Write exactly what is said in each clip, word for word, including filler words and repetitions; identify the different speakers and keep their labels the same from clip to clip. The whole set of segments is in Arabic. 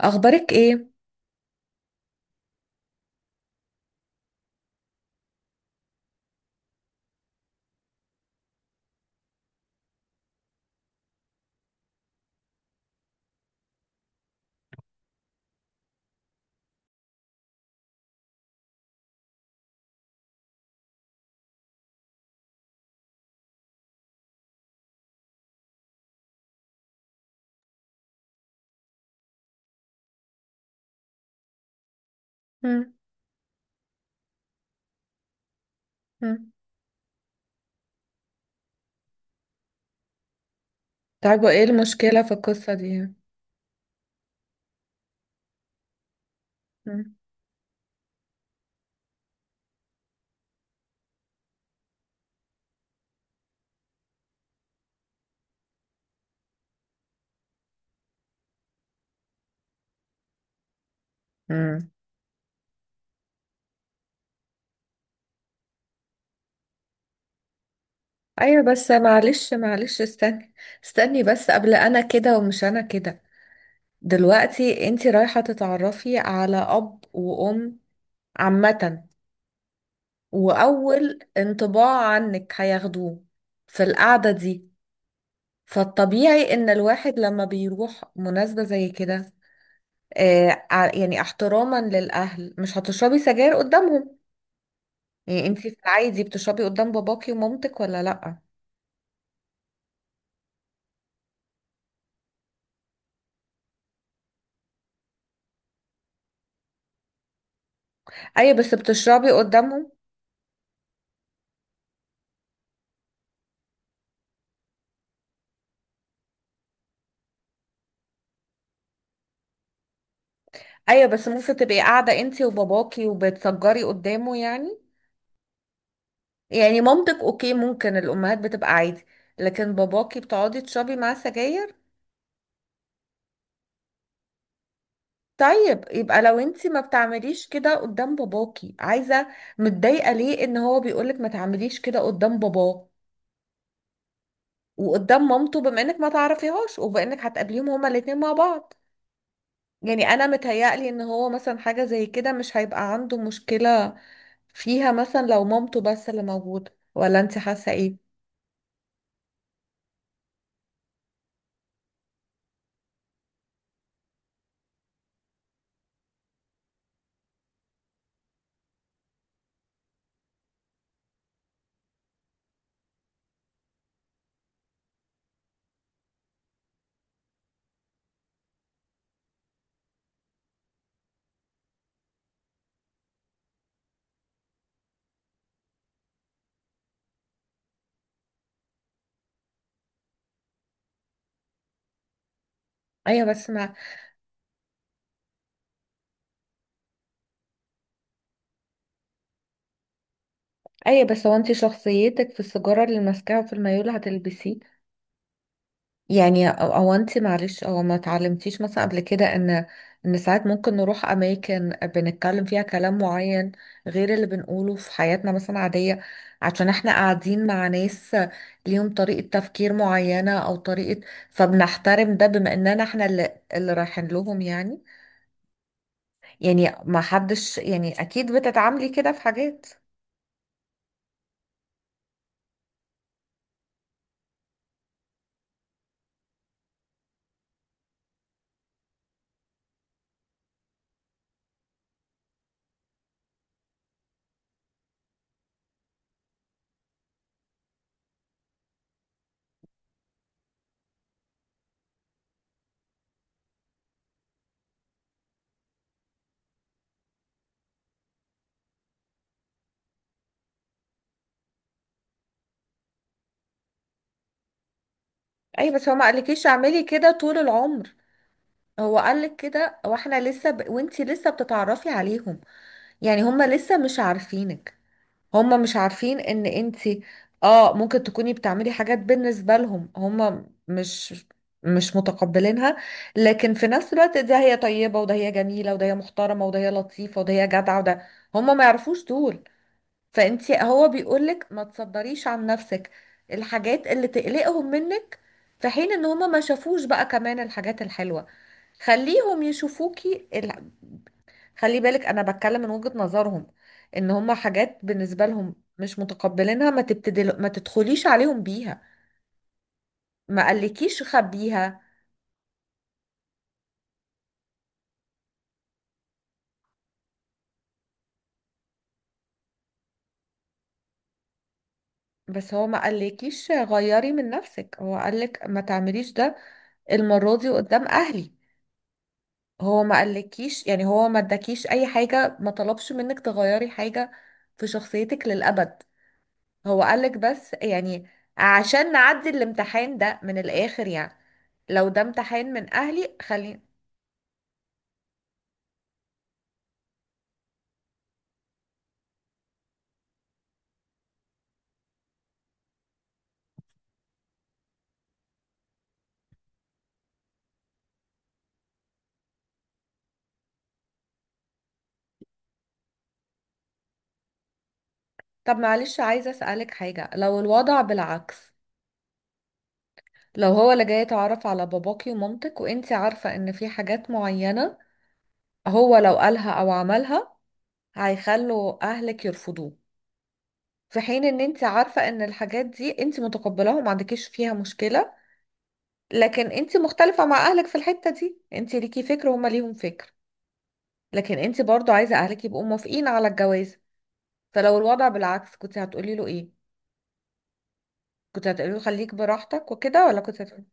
Speaker 1: اخبارك ايه؟ مم. مم. طيب وايه المشكله في القصه دي؟ مم. امم. ايوه، بس معلش معلش استني. استني بس قبل، انا كده ومش انا كده دلوقتي انتي رايحه تتعرفي على اب وام عامه، واول انطباع عنك هياخدوه في القعده دي، فالطبيعي ان الواحد لما بيروح مناسبه زي كده آه ع- يعني احتراما للاهل مش هتشربي سجاير قدامهم. يعني انتي في العادي بتشربي قدام باباكي ومامتك ولا لأ؟ ايوه بس بتشربي قدامهم؟ ايوه بس ممكن تبقي قاعدة انتي وباباكي وبتسجري قدامه يعني، يعني مامتك اوكي ممكن الامهات بتبقى عادي، لكن باباكي بتقعدي تشربي معاه سجاير؟ طيب يبقى لو انتي ما بتعمليش كده قدام باباكي، عايزة متضايقة ليه ان هو بيقولك ما تعمليش كده قدام باباه وقدام مامته، بما انك ما تعرفيهاش وبما انك هتقابليهم هما الاتنين مع بعض؟ يعني انا متهيألي ان هو مثلا حاجة زي كده مش هيبقى عنده مشكلة فيها، مثلا لو مامته بس اللي موجودة. ولا انت حاسة ايه؟ ايوه بس مع ايوه بس هو، انت شخصيتك في السيجارة اللي ماسكاها؟ في الميول هتلبسيه يعني؟ او أو انت معلش او ما اتعلمتيش مثلا قبل كده ان ان ساعات ممكن نروح اماكن بنتكلم فيها كلام معين غير اللي بنقوله في حياتنا مثلا عادية، عشان احنا قاعدين مع ناس ليهم طريقة تفكير معينة او طريقة، فبنحترم ده بما اننا احنا اللي, اللي رايحين لهم يعني. يعني ما حدش، يعني اكيد بتتعاملي كده في حاجات. اي بس هو ما قالكيش اعملي كده طول العمر، هو قالك كده واحنا لسه ب... وانتي لسه بتتعرفي عليهم، يعني هما لسه مش عارفينك، هما مش عارفين ان انتي، اه ممكن تكوني بتعملي حاجات بالنسبة لهم هما مش مش متقبلينها، لكن في نفس الوقت ده هي طيبة وده هي جميلة وده هي محترمة وده هي لطيفة وده هي جدعة وده، هما ما يعرفوش دول. فانتي هو بيقولك ما تصدريش عن نفسك الحاجات اللي تقلقهم منك في حين ان هما ما شافوش بقى كمان الحاجات الحلوة. خليهم يشوفوكي. خلي بالك انا بتكلم من وجهة نظرهم، ان هما حاجات بالنسبة لهم مش متقبلينها ما تبتدل ما تدخليش عليهم بيها. ما قالكيش خبيها. بس هو ما قالكيش غيري من نفسك، هو قالك ما تعمليش ده المرة دي قدام اهلي. هو ما قالكيش يعني، هو ما اداكيش اي حاجة، ما طلبش منك تغيري حاجة في شخصيتك للأبد، هو قالك بس يعني عشان نعدي الامتحان ده من الآخر يعني. لو ده امتحان من اهلي خلي. طب معلش، عايزة أسألك حاجة. لو الوضع بالعكس، لو هو اللي جاي يتعرف على باباكي ومامتك وانتي عارفة ان في حاجات معينة هو لو قالها او عملها هيخلوا اهلك يرفضوه، في حين ان انتي عارفة ان الحاجات دي انتي متقبلاها وما عندكيش فيها مشكلة، لكن انتي مختلفة مع اهلك في الحتة دي، انتي ليكي فكر وهما ليهم فكر، لكن انتي برضو عايزة اهلك يبقوا موافقين على الجواز، فلو الوضع بالعكس كنت هتقولي له ايه؟ كنت هتقولي له خليك براحتك وكده، ولا كنت هتقولي؟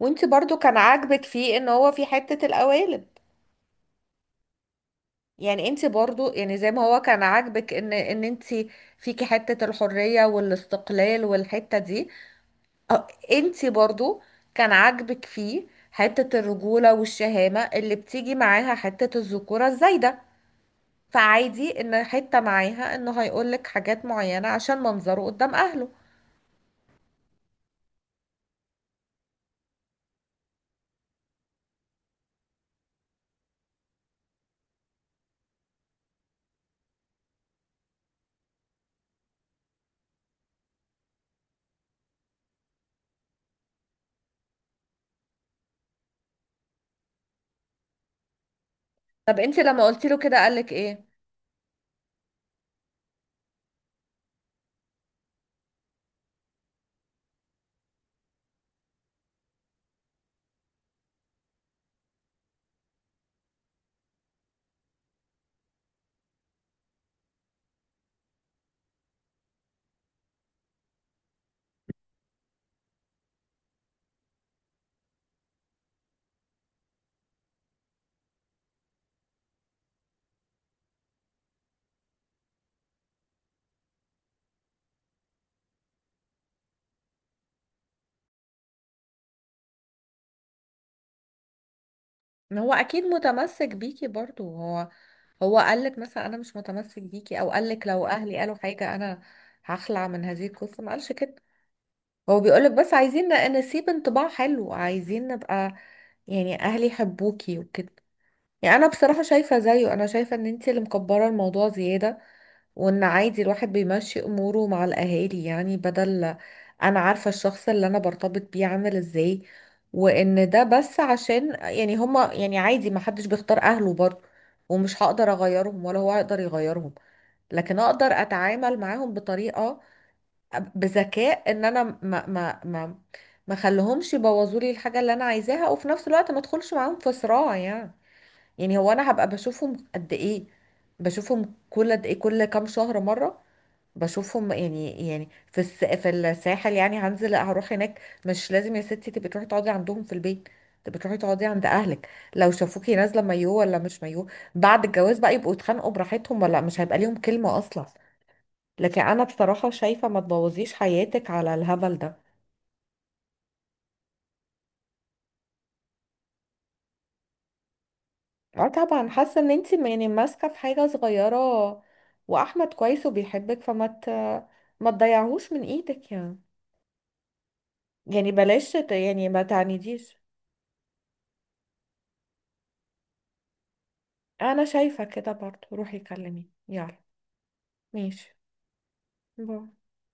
Speaker 1: وانت برضو كان عاجبك فيه ان هو في حتة القوالب، يعني انت برضو يعني زي ما هو كان عاجبك ان ان انت فيكي حتة الحرية والاستقلال والحتة دي، اه، انت برضو كان عاجبك فيه حتة الرجولة والشهامة اللي بتيجي معاها حتة الذكورة الزايدة، فعادي ان حتة معاها انه هيقولك حاجات معينة عشان منظره قدام اهله. طب انت لما قلت له كده قالك ايه؟ ما هو اكيد متمسك بيكي برضو هو. هو قالك مثلا انا مش متمسك بيكي، او قالك لو اهلي قالوا حاجة انا هخلع من هذه القصة؟ ما قالش كده. هو بيقولك بس عايزين ن- نسيب انطباع حلو، عايزين نبقى يعني اهلي يحبوكي وكده. يعني انا بصراحة شايفة زيه، انا شايفة ان انتي اللي مكبرة الموضوع زيادة، وان عادي الواحد بيمشي اموره مع الاهالي يعني. بدل، انا عارفة الشخص اللي انا برتبط بيه عامل ازاي، وان ده بس عشان يعني هما، يعني عادي ما حدش بيختار اهله برضه، ومش هقدر اغيرهم ولا هو هيقدر يغيرهم، لكن اقدر اتعامل معاهم بطريقة، بذكاء، ان انا ما ما ما ما خليهمش يبوظوا لي الحاجة اللي انا عايزاها، وفي نفس الوقت ما ادخلش معاهم في صراع يعني. يعني هو انا هبقى بشوفهم قد ايه؟ بشوفهم كل قد ايه، كل كام شهر مره؟ بشوفهم يعني يعني في الس... في الساحل يعني، هنزل هروح هناك. مش لازم يا ستي تبقي تروحي تقعدي عندهم في البيت، تبقي تروحي تقعدي عند اهلك. لو شافوكي نازله مايو ولا مش مايو بعد الجواز بقى يبقوا يتخانقوا براحتهم، ولا مش هيبقى ليهم كلمه اصلا. لكن انا بصراحه شايفه ما تبوظيش حياتك على الهبل ده. اه طبعا، حاسه ان انت يعني ماسكه في حاجه صغيره، واحمد كويس وبيحبك فما ت... ما تضيعهوش من ايدك يعني. يعني بلاش ت- يعني ما تعنيديش. انا شايفه كده برضو، روحي كلمي يلا. ماشي، باي.